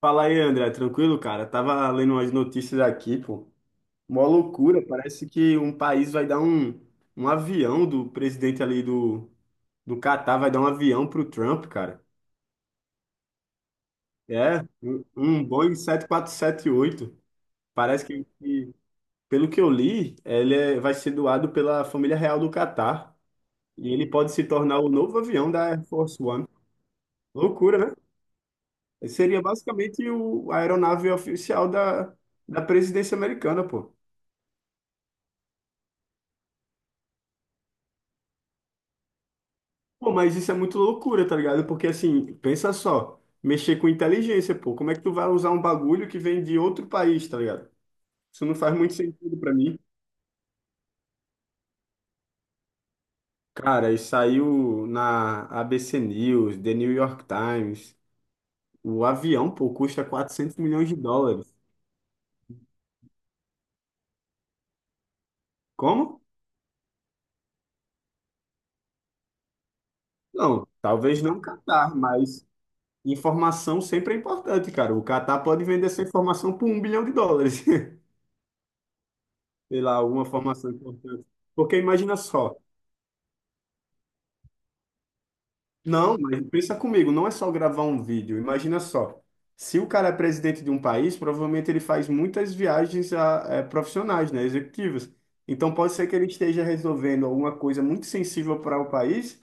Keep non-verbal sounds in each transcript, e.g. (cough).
Fala aí, André, tranquilo, cara? Tava lendo umas notícias aqui, pô. Mó loucura, parece que um país vai dar um avião do presidente ali do Catar, vai dar um avião pro Trump, cara. É, um Boeing 747-8. Parece que, pelo que eu li, vai ser doado pela família real do Catar. E ele pode se tornar o novo avião da Air Force One. Loucura, né? Seria basicamente a aeronave oficial da presidência americana, pô. Pô, mas isso é muito loucura, tá ligado? Porque assim, pensa só, mexer com inteligência, pô, como é que tu vai usar um bagulho que vem de outro país, tá ligado? Isso não faz muito sentido pra mim. Cara, e saiu na ABC News, The New York Times. O avião, pô, custa 400 milhões de dólares. Como? Não, talvez não Catar, mas informação sempre é importante, cara. O Catar pode vender essa informação por um bilhão de dólares. (laughs) Sei lá, alguma informação importante. Porque imagina só. Não, mas pensa comigo, não é só gravar um vídeo. Imagina só, se o cara é presidente de um país, provavelmente ele faz muitas viagens profissionais, né, executivas. Então pode ser que ele esteja resolvendo alguma coisa muito sensível para o país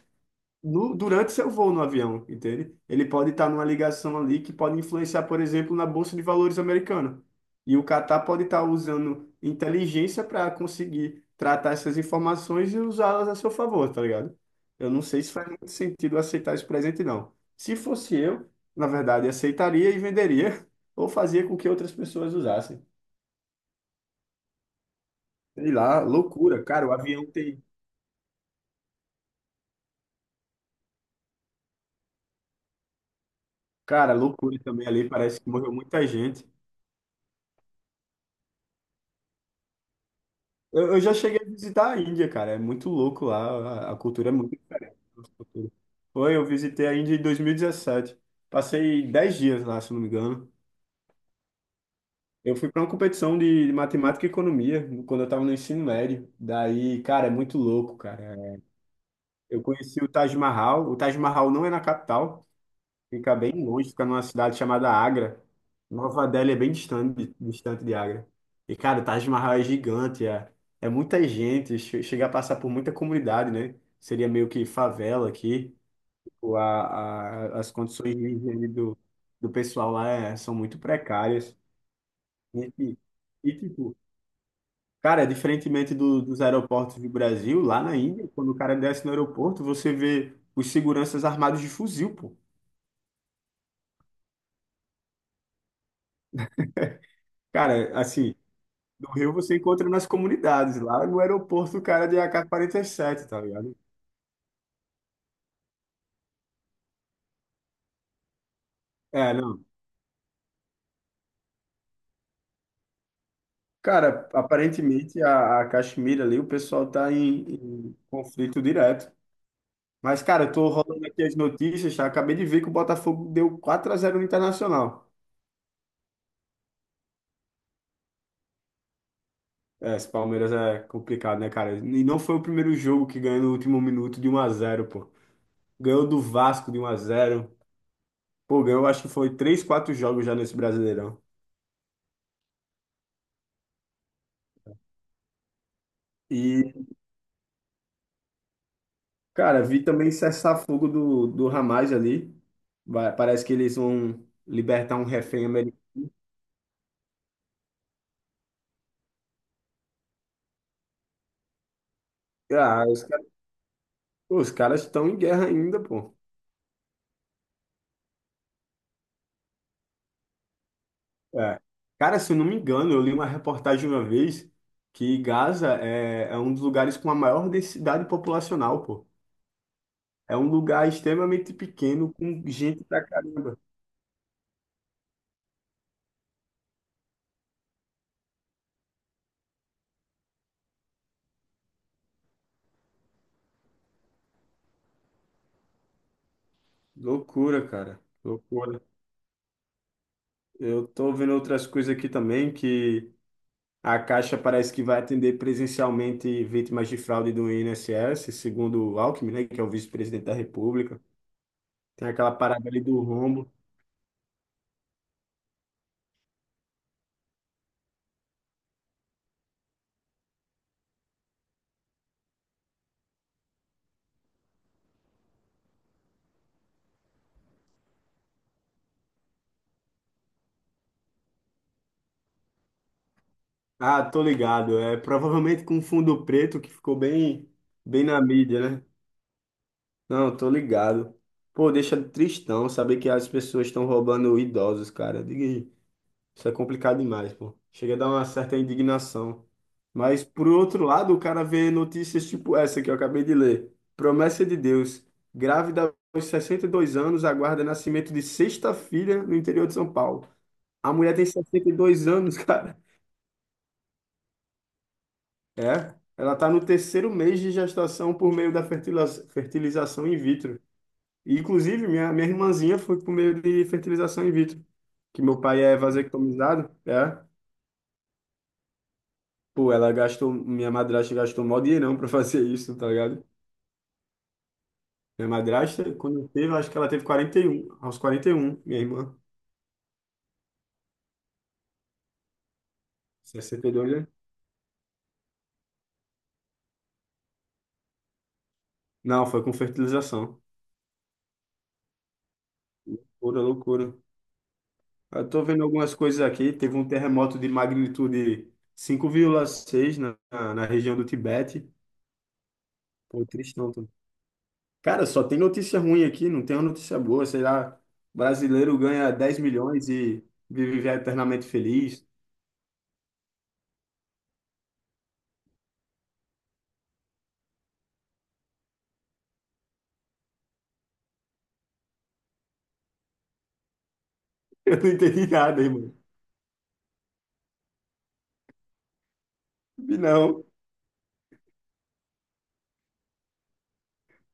durante seu voo no avião, entende? Ele pode estar numa ligação ali que pode influenciar, por exemplo, na Bolsa de Valores americana. E o Catar pode estar usando inteligência para conseguir tratar essas informações e usá-las a seu favor, tá ligado? Eu não sei se faz muito sentido aceitar esse presente, não. Se fosse eu, na verdade, aceitaria e venderia, (laughs) ou fazia com que outras pessoas usassem. Sei lá, loucura. Cara, o avião tem. Cara, loucura também ali. Parece que morreu muita gente. Eu já cheguei a visitar a Índia, cara. É muito louco lá. A cultura é muito diferente da nossa cultura. Foi, eu visitei a Índia em 2017. Passei 10 dias lá, se não me engano. Eu fui para uma competição de matemática e economia quando eu estava no ensino médio. Daí, cara, é muito louco, cara. Eu conheci o Taj Mahal. O Taj Mahal não é na capital. Fica bem longe, fica numa cidade chamada Agra. Nova Delhi é bem distante, distante de Agra. E, cara, o Taj Mahal é gigante, é, é muita gente, chega a passar por muita comunidade, né? Seria meio que favela aqui. Tipo, as condições de higiene do pessoal lá é- são muito precárias. E, e, e, tipo, cara, é diferentemente dos aeroportos do Brasil, lá na Índia, quando o cara desce no aeroporto, você vê os seguranças armados de fuzil, pô. Cara, assim. No Rio você encontra nas comunidades, lá no aeroporto o cara de AK-47, tá ligado? É, não. Cara, aparentemente a Caxemira ali, o pessoal tá em conflito direto. Mas, cara, eu tô rolando aqui as notícias, tá? Acabei de ver que o Botafogo deu 4-0 no Internacional. É, esse Palmeiras é complicado, né, cara? E não foi o primeiro jogo que ganhou no último minuto de 1-0, pô. Ganhou do Vasco de 1-0. Pô, ganhou, acho que foi 3 4 jogos já nesse Brasileirão. E cara, vi também cessar-fogo do Hamas ali. Parece que eles vão libertar um refém americano. Ah, os caras, pô, os caras estão em guerra ainda, pô. É. Cara, se eu não me engano, eu li uma reportagem uma vez que Gaza é um dos lugares com a maior densidade populacional, pô. É um lugar extremamente pequeno, com gente pra caramba. Loucura, cara. Loucura. Eu tô vendo outras coisas aqui também que. A Caixa parece que vai atender presencialmente vítimas de fraude do INSS, segundo o Alckmin, né, que é o vice-presidente da República. Tem aquela parada ali do rombo. Ah, tô ligado. É provavelmente com um fundo preto que ficou bem, bem na mídia, né? Não, tô ligado. Pô, deixa tristão saber que as pessoas estão roubando idosos, cara. Diga. Isso é complicado demais, pô. Chega a dar uma certa indignação. Mas, por outro lado, o cara vê notícias tipo essa que eu acabei de ler. Promessa de Deus. Grávida aos 62 anos aguarda nascimento de sexta filha no interior de São Paulo. A mulher tem 62 anos, (laughs) cara. É. Ela tá no terceiro mês de gestação por meio da fertilização in vitro. E, inclusive, minha irmãzinha foi por meio de fertilização in vitro. Que meu pai é vasectomizado. É. Pô, ela gastou, minha madrasta gastou mó dinheirão pra fazer isso, tá ligado? Minha madrasta, quando teve, acho que ela teve 41, aos 41, minha irmã. 62, né? Não, foi com fertilização. Pura loucura. Eu tô vendo algumas coisas aqui, teve um terremoto de magnitude 5,6 na região do Tibete. Pô, tristão. Cara, só tem notícia ruim aqui, não tem uma notícia boa, sei lá. Brasileiro ganha 10 milhões e vive eternamente feliz. (laughs) Eu não entendi nada, irmão. Vi não.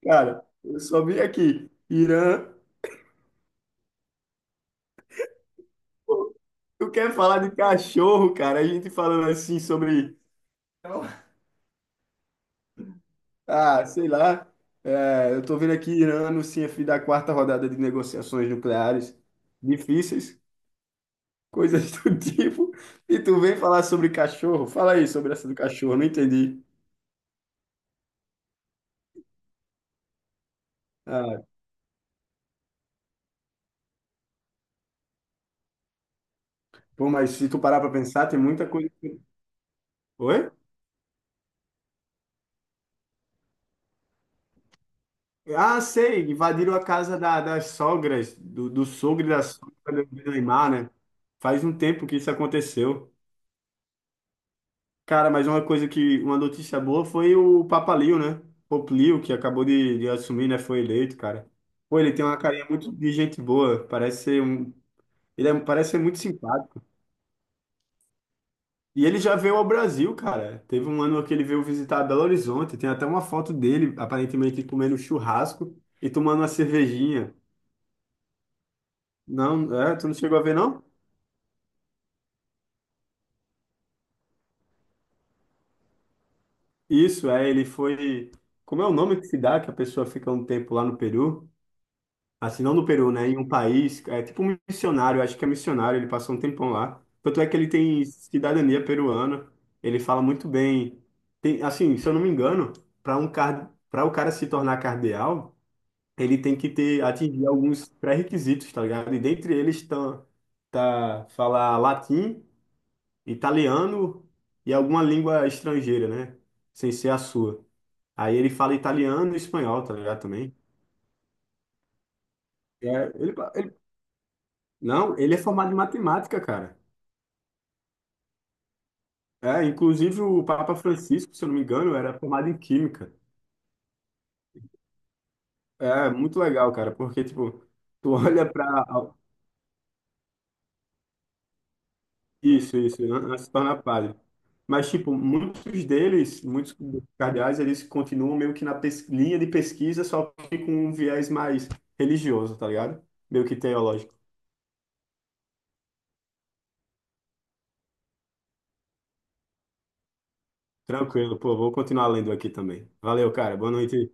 Cara, eu só vi aqui. Irã. Pô, tu quer falar de cachorro, cara? A gente falando assim sobre. Então, ah, sei lá. É, eu tô vendo aqui Irã anuncia fim da quarta rodada de negociações nucleares difíceis, coisas do (laughs) tipo. E tu vem falar sobre cachorro? Fala aí sobre essa do cachorro, não entendi. Ah, pô, mas se tu parar pra pensar, tem muita coisa. Oi? Ah, sei, invadiram a casa da- das sogras, do sogro e da sogra do Neymar, né? Faz um tempo que isso aconteceu. Cara, mas uma coisa que, uma notícia boa foi o Papa Leo, né? Pope Leo, que acabou de assumir, né? Foi eleito, cara. Pô, ele tem uma carinha muito de gente boa, parece ser um, parece ser muito simpático. E ele já veio ao Brasil, cara. Teve um ano que ele veio visitar Belo Horizonte, tem até uma foto dele, aparentemente comendo churrasco e tomando uma cervejinha. Não, é, tu não chegou a ver, não? Isso, é, ele foi. Como é o nome que se dá que a pessoa fica um tempo lá no Peru? Assim, não no Peru, né? Em um país, é tipo um missionário, acho que é missionário, ele passou um tempão lá. Tanto é que ele tem cidadania peruana, ele fala muito bem. Tem, assim, se eu não me engano, para o cara se tornar cardeal, ele tem que ter atingir alguns pré-requisitos, tá ligado? E dentre eles estão tá falar latim, italiano e alguma língua estrangeira, né? Sem ser a sua. Aí ele fala italiano e espanhol, tá ligado? Também. É, não, ele é formado em matemática, cara. É, inclusive o Papa Francisco, se eu não me engano, era formado em química. É, muito legal, cara, porque, tipo, tu (laughs) olha pra. Isso, né, se torna padre. Mas, tipo, muitos deles, muitos cardeais, eles continuam meio que na linha de pesquisa, só que com um viés mais religioso, tá ligado? Meio que teológico. Tranquilo, pô, vou continuar lendo aqui também. Valeu, cara. Boa noite.